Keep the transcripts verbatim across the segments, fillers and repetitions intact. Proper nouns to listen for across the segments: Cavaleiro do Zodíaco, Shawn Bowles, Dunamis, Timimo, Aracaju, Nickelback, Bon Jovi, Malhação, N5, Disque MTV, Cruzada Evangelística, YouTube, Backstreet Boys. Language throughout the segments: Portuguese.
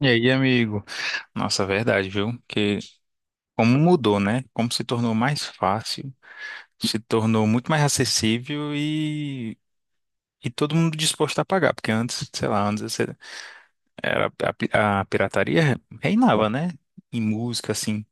E aí, amigo? Nossa, é verdade, viu? Que como mudou, né? Como se tornou mais fácil, se tornou muito mais acessível e, e todo mundo disposto a pagar, porque antes, sei lá, antes você- era a, pi- a pirataria reinava, né? Em música, assim.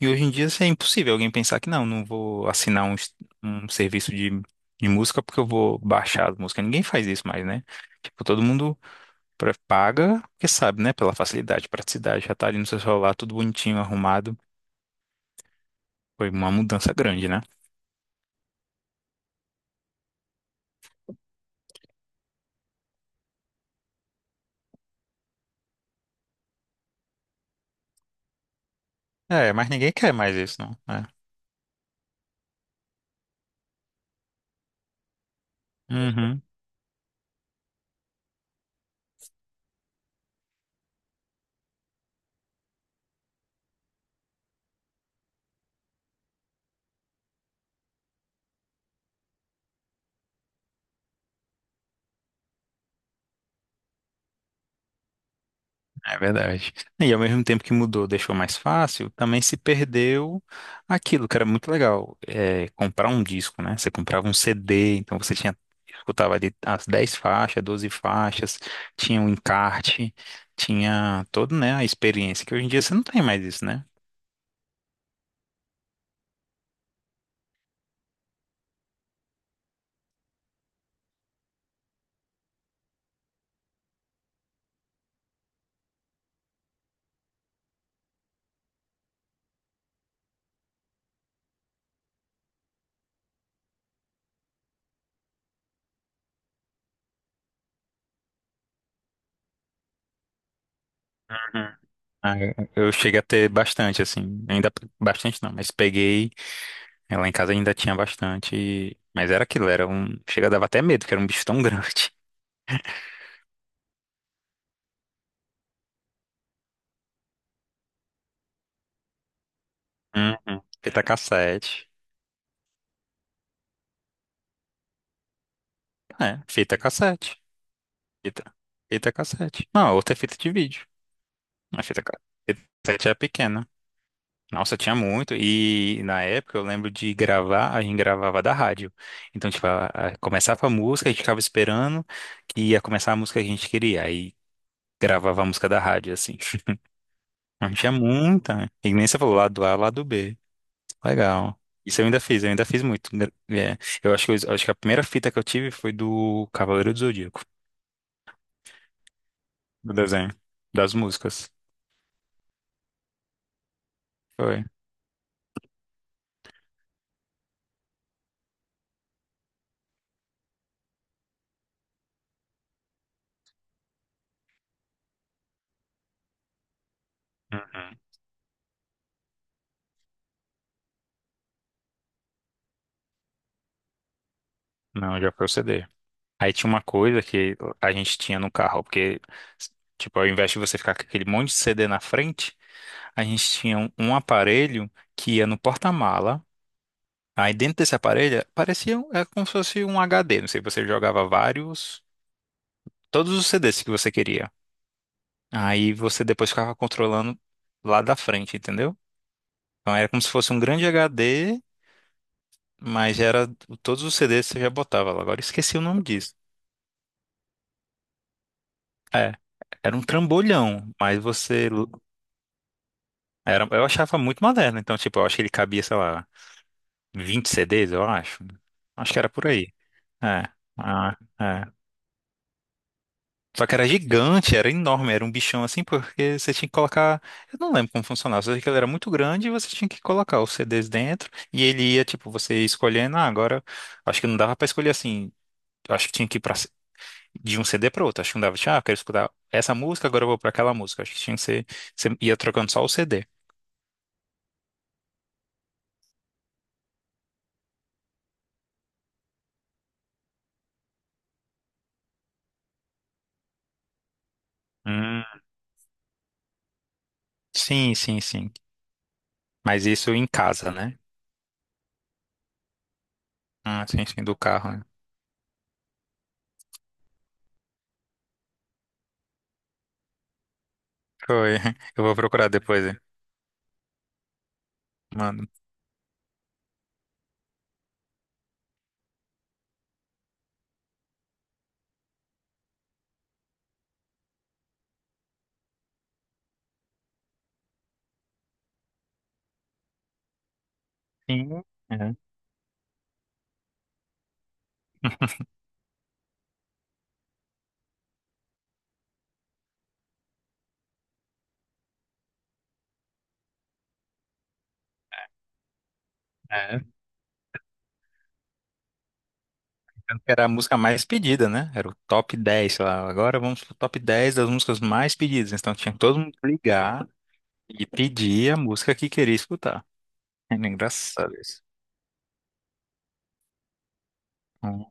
E hoje em dia assim, é impossível alguém pensar que não, não vou assinar um, s- um serviço de, de música porque eu vou baixar as músicas. Ninguém faz isso mais, né? Tipo, todo mundo Pra- Paga, porque sabe, né? Pela facilidade, praticidade, já tá ali no seu celular, tudo bonitinho, arrumado. Foi uma mudança grande, né? É, mas ninguém quer mais isso, não. É. Uhum, é verdade. E ao mesmo tempo que mudou, deixou mais fácil, também se perdeu aquilo que era muito legal, é, comprar um disco, né? Você comprava um C D, então você tinha, escutava ali as dez faixas, doze faixas, tinha o um encarte, tinha todo, né, a experiência, que hoje em dia você não tem mais isso, né? Ah, eu cheguei a ter bastante, assim, ainda bastante não, mas peguei, eh, lá em casa ainda tinha bastante, e- mas era aquilo, era um, chega, dava até medo, que era um bicho tão grande. Uhum. Fita cassete, é, fita cassete, fita, fita cassete. Não, outra é fita de vídeo, a fita, ca- fita cassete era pequena. Nossa, tinha muito, e na época eu lembro de gravar, a gente gravava da rádio. Então, tipo, a- a- começava a música, a gente ficava esperando que ia começar a música que a gente queria, aí gravava a música da rádio, assim. Não tinha muita. E nem você falou lado A, lado B. Legal. Isso eu ainda fiz, eu ainda fiz muito. É, eu acho que, eu acho que a primeira fita que eu tive foi do Cavaleiro do Zodíaco, do desenho, das músicas. Foi. Uhum. Não, já foi o C D. Aí tinha uma coisa que a gente tinha no carro, porque, tipo, ao invés de você ficar com aquele monte de C D na frente, a gente tinha um, um aparelho que ia no porta-mala. Aí dentro desse aparelho parecia um- é como se fosse um H D. Não sei, você jogava vários todos os C Ds que você queria. Aí você depois ficava controlando lá da frente, entendeu? Então era como se fosse um grande H D, mas era todos os C Ds que você já botava lá. Agora eu esqueci o nome disso. É, era um trambolhão, mas você era, eu achava muito moderno, então tipo, eu acho que ele cabia, sei lá, vinte C Ds, eu acho. Acho que era por aí. É. Ah, é. Só que era gigante, era enorme, era um bichão assim, porque você tinha que colocar. Eu não lembro como funcionava, só sei que ele era muito grande e você tinha que colocar os C Ds dentro e ele ia, tipo, você ia escolhendo. Ah, agora acho que não dava pra escolher assim. Eu acho que tinha que ir pra... de um C D pra outro. Acho que não dava. Tinha, Ah, eu quero escutar essa música, agora eu vou pra aquela música. Acho que tinha que ser. Você ia trocando só o C D. Hum, sim, sim, sim. Mas isso em casa, né? Ah, sim, sim, do carro, né? Foi. Eu vou procurar depois, hein? Mano. Sim. É. É. Tanto que era a música mais pedida, né? Era o top dez, sei lá. Agora vamos pro top dez das músicas mais pedidas. Então tinha que todo mundo ligar e pedir a música que queria escutar. Era engraçado isso. Hum.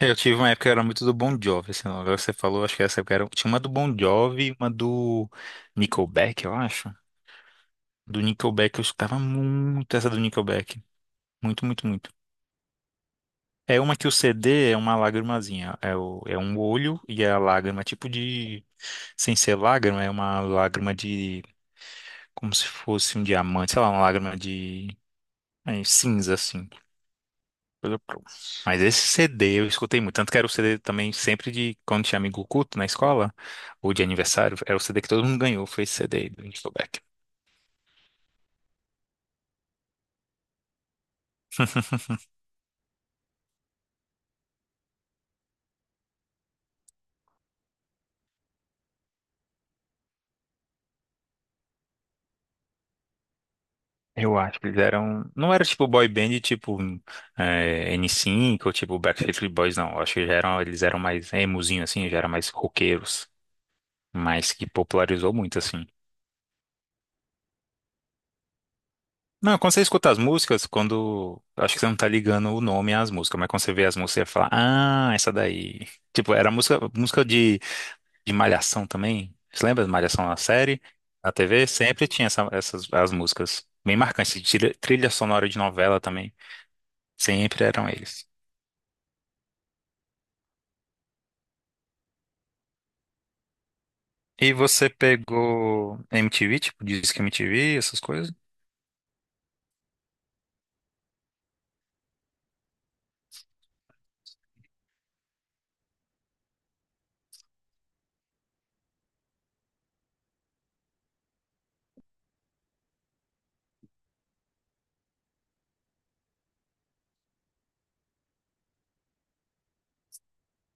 Eu tive uma época que era muito do Bon Jovi, assim, agora você falou, acho que essa época era. Tinha uma do Bon Jovi e uma do Nickelback, eu acho. Do Nickelback eu escutava muito essa do Nickelback. Muito, muito, muito. É uma que o C D é uma lágrimazinha. É, o, é um olho e é a lágrima, tipo de. Sem ser lágrima, é uma lágrima de. Como se fosse um diamante, sei lá, uma lágrima de. É, cinza, assim. coisa pro- Mas esse C D eu escutei muito. Tanto que era o C D também sempre de. Quando tinha amigo culto na escola, ou de aniversário, era o C D que todo mundo ganhou. Foi esse C D do Nickelback. Eu acho que eles eram. Não era tipo boy band tipo hum, é, N cinco ou tipo Backstreet Boys, não. Eu acho que já eram, eles eram mais emozinho, assim, já eram mais roqueiros. Mas que popularizou muito, assim. Não, quando você escuta as músicas, quando. acho que você não tá ligando o nome às músicas, mas quando você vê as músicas, você fala, ah, essa daí. Tipo, era música, música de, de Malhação também. Você lembra de Malhação na série? Na T V sempre tinha essa- essas as músicas. Bem marcantes. Trilha, trilha sonora de novela também. Sempre eram eles. E você pegou M T V, tipo, Disque M T V, essas coisas?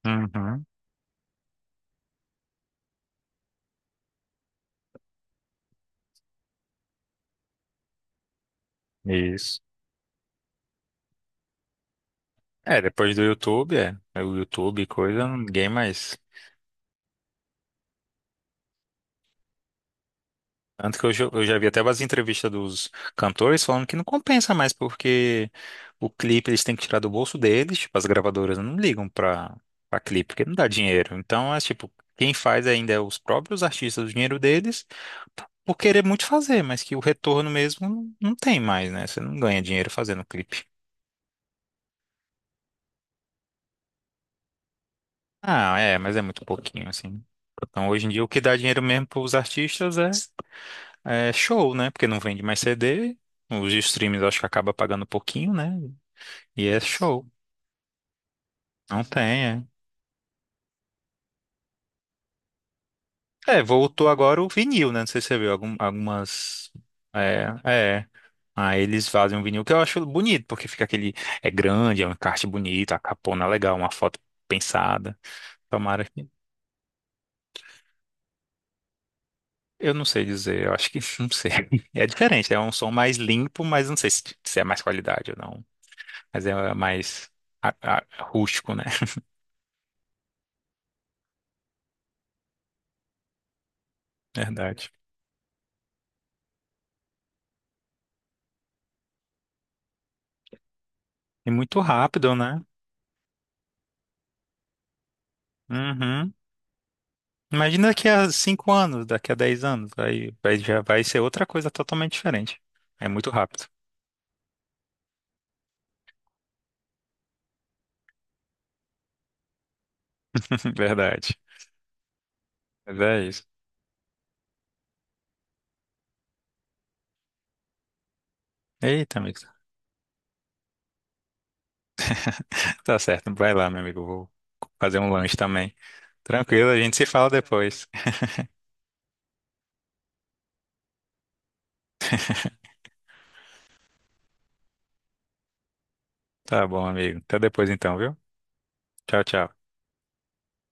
Uhum, isso. É, depois do YouTube, é. É o YouTube, e coisa, ninguém mais. Tanto que eu, já- eu já vi até umas entrevistas dos cantores falando que não compensa mais, porque o clipe eles têm que tirar do bolso deles, tipo, as gravadoras não ligam pra, pra clipe, porque não dá dinheiro. Então, é tipo, quem faz ainda é os próprios artistas, o dinheiro deles, p- por querer muito fazer, mas que o retorno mesmo não não tem mais, né? Você não ganha dinheiro fazendo clipe. Ah, é, mas é muito pouquinho, assim. Então, hoje em dia, o que dá dinheiro mesmo para os artistas é, é show, né? Porque não vende mais C D, os streams acho que acaba pagando pouquinho, né? E é show. Não tem, é. É, voltou agora o vinil, né? Não sei se você viu algum- algumas. É, é. Aí eles fazem um vinil que eu acho bonito, porque fica aquele. É grande, é um encarte bonito, a capona é legal, uma foto pensada. Tomara. Eu não sei dizer, eu acho que não sei. É diferente, é um som mais limpo, mas não sei se, se é mais qualidade ou não. Mas é mais a- a- rústico, né? Verdade. E muito rápido, né? Uhum. Imagina daqui a cinco anos, daqui a dez anos, aí vai- já vai ser outra coisa totalmente diferente. É muito rápido. Verdade. Mas é isso. Eita, amigo. Tá certo, vai lá, meu amigo. Eu vou fazer um lanche também. Tranquilo, a gente se fala depois. Tá bom, amigo. Até depois então, viu? Tchau, tchau.